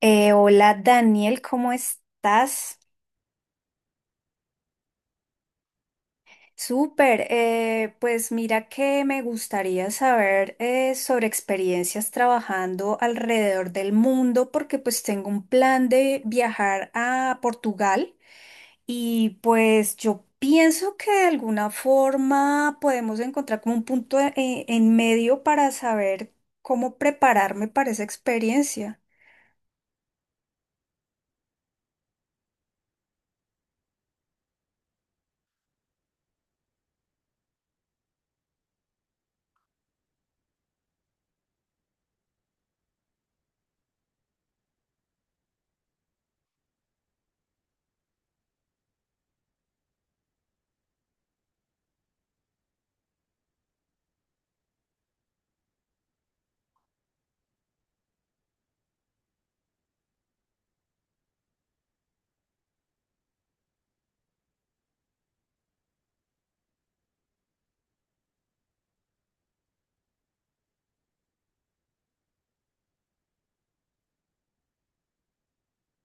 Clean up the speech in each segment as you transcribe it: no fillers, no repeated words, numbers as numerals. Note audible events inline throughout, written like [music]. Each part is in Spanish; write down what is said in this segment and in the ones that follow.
Hola Daniel, ¿cómo estás? Súper, pues mira que me gustaría saber sobre experiencias trabajando alrededor del mundo, porque pues tengo un plan de viajar a Portugal y pues yo pienso que de alguna forma podemos encontrar como un en medio para saber cómo prepararme para esa experiencia.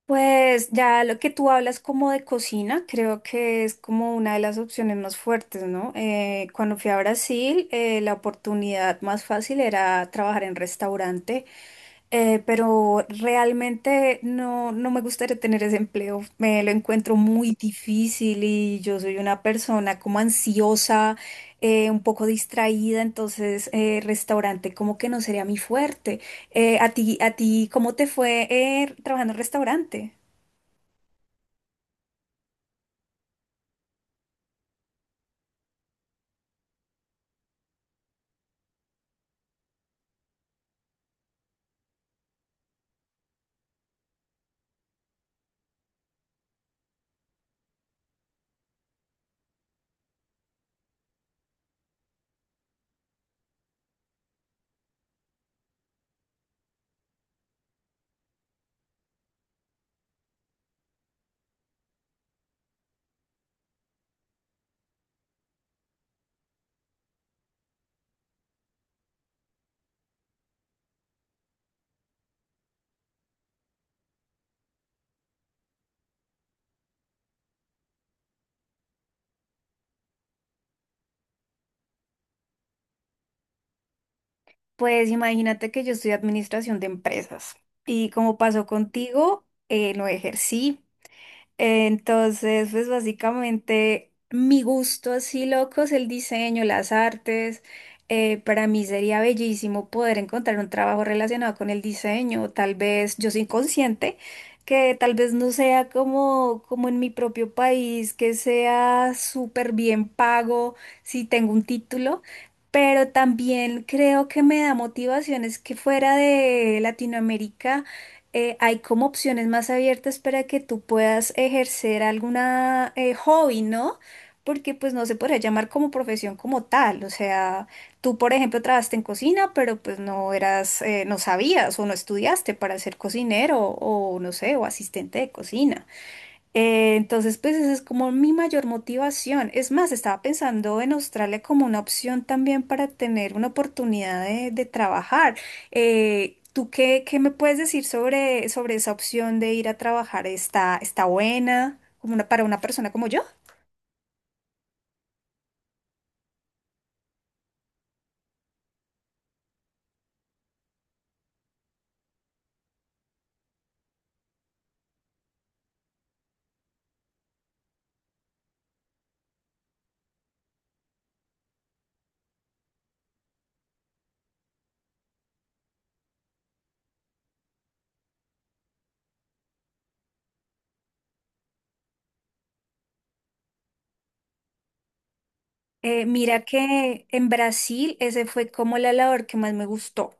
Pues ya lo que tú hablas como de cocina, creo que es como una de las opciones más fuertes, ¿no? Cuando fui a Brasil, la oportunidad más fácil era trabajar en restaurante, pero realmente no, no me gustaría tener ese empleo. Me lo encuentro muy difícil y yo soy una persona como ansiosa, un poco distraída, entonces restaurante como que no sería mi fuerte. ¿A ti cómo te fue trabajando en restaurante? Pues imagínate que yo estudié administración de empresas y, como pasó contigo, no ejercí. Entonces, pues básicamente mi gusto así loco es el diseño, las artes. Para mí sería bellísimo poder encontrar un trabajo relacionado con el diseño. Tal vez yo soy consciente que tal vez no sea como, como en mi propio país, que sea súper bien pago si tengo un título. Pero también creo que me da motivaciones que fuera de Latinoamérica hay como opciones más abiertas para que tú puedas ejercer alguna hobby, ¿no? Porque pues no se puede llamar como profesión como tal. O sea, tú, por ejemplo, trabajaste en cocina, pero pues no eras, no sabías o no estudiaste para ser cocinero o no sé, o asistente de cocina. Entonces, pues esa es como mi mayor motivación. Es más, estaba pensando en Australia como una opción también para tener una oportunidad de trabajar. ¿Tú qué me puedes decir sobre, sobre esa opción de ir a trabajar? ¿Está buena como una- para una persona como yo? Mira que en Brasil ese fue como la labor que más me gustó.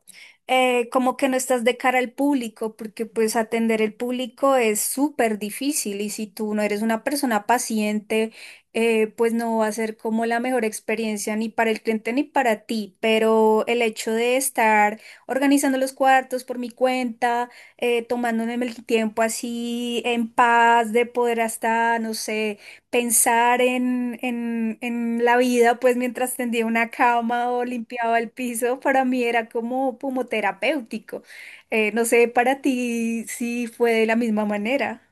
Como que no estás de cara al público, porque pues atender el público es súper difícil y si tú no eres una persona paciente, pues no va a ser como la mejor experiencia ni para el cliente ni para ti. Pero el hecho de estar organizando los cuartos por mi cuenta, tomándome el tiempo así en paz, de poder hasta, no sé, pensar en la vida, pues mientras tendía una cama o limpiaba el piso, para mí era como, como terapéutico. No sé para ti si fue de la misma manera.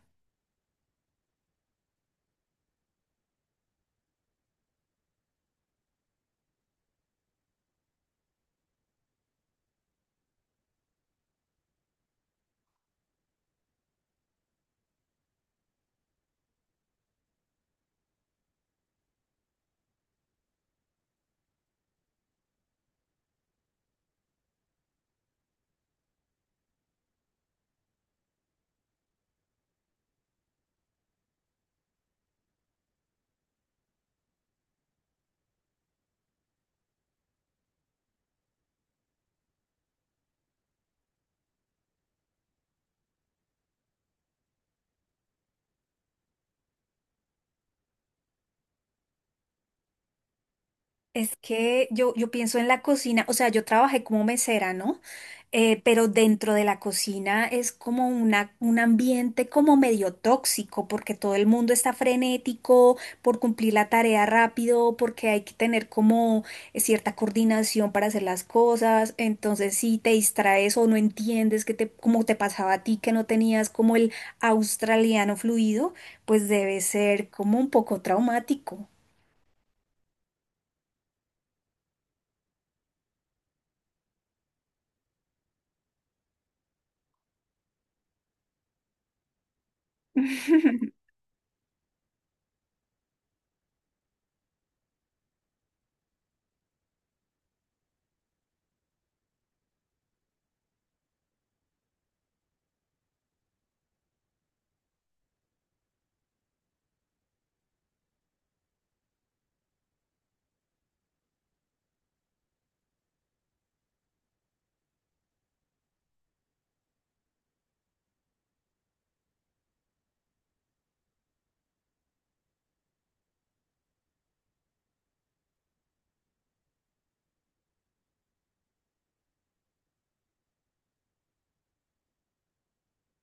Es que yo pienso en la cocina, o sea, yo trabajé como mesera, ¿no? Pero dentro de la cocina es como una, un ambiente como medio tóxico, porque todo el mundo está frenético por cumplir la tarea rápido, porque hay que tener como cierta coordinación para hacer las cosas. Entonces, si te distraes o no entiendes que te, como te pasaba a ti, que no tenías como el australiano fluido, pues debe ser como un poco traumático.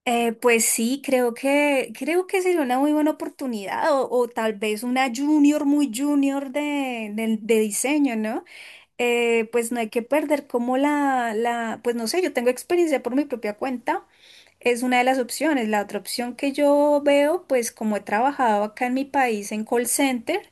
Pues sí, creo que sería una muy buena oportunidad o tal vez una junior muy junior de diseño, ¿no? Pues no hay que perder como pues no sé, yo tengo experiencia por mi propia cuenta, es una de las opciones. La otra opción que yo veo, pues como he trabajado acá en mi país en call center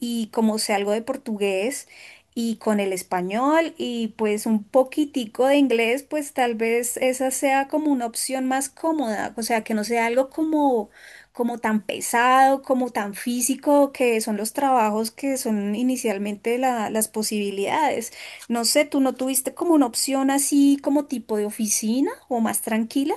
y como sé algo de portugués, y con el español y pues un poquitico de inglés, pues tal vez esa sea como una opción más cómoda, o sea, que no sea algo como, como tan pesado, como tan físico, que son los trabajos que son inicialmente la- las posibilidades. No sé, ¿tú no tuviste como una opción así como tipo de oficina o más tranquila?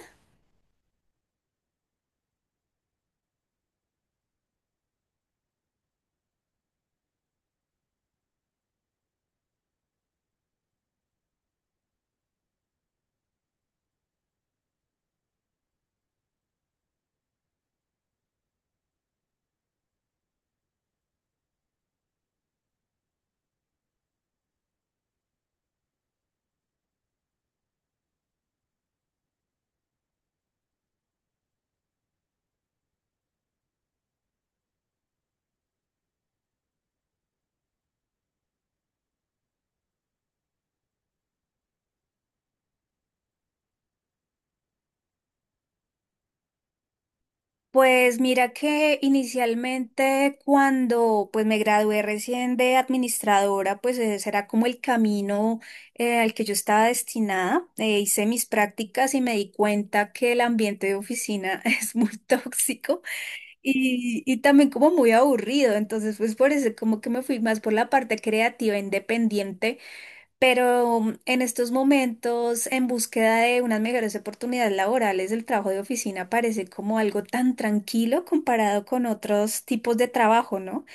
Pues mira que inicialmente cuando pues me gradué recién de administradora, pues e, ese era como el camino al que yo estaba destinada. Hice mis prácticas y me di cuenta que el ambiente de oficina [laughs] es muy tóxico y también como muy aburrido. Entonces pues por eso como que me fui más por la parte creativa, independiente, pero mm, en estos momentos, en búsqueda de unas mejores oportunidades laborales, el trabajo de oficina parece como algo tan tranquilo comparado con otros tipos de trabajo, ¿no?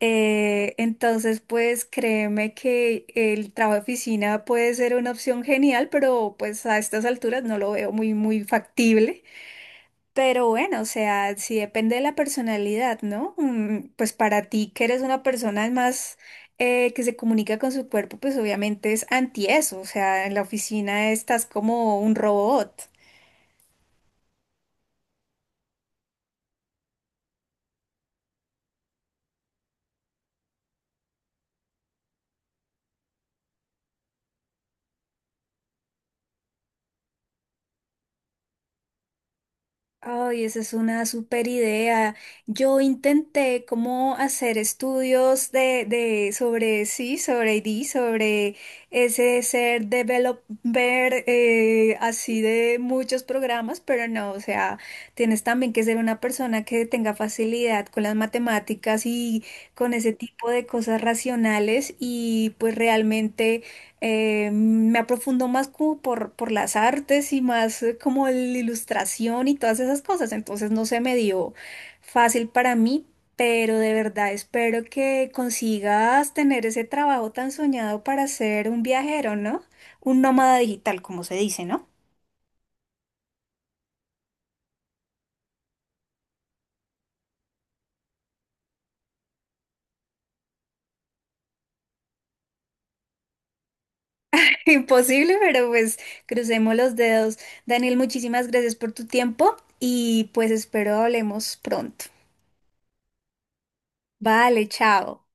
Entonces, pues créeme que el trabajo de oficina puede ser una opción genial, pero pues a estas alturas no lo veo muy, muy factible. Pero bueno, o sea, sí depende de la personalidad, ¿no? Mm, pues para ti, que eres una persona más que se comunica con su cuerpo, pues obviamente es anti eso, o sea, en la oficina estás como un robot. Ay, esa es una super idea. Yo intenté como hacer estudios de sobre sí, sobre ID, sobre ese ser developer, así de muchos programas, pero no, o sea, tienes también que ser una persona que tenga facilidad con las matemáticas y con ese tipo de cosas racionales y pues realmente me aprofundo más como por las artes y más como la ilustración y todas esas cosas. Entonces no se me dio fácil para mí, pero de verdad espero que consigas tener ese trabajo tan soñado para ser un viajero, ¿no? Un nómada digital, como se dice, ¿no? [laughs] Imposible, pero pues crucemos los dedos. Daniel, muchísimas gracias por tu tiempo y pues espero hablemos pronto. Vale, chao.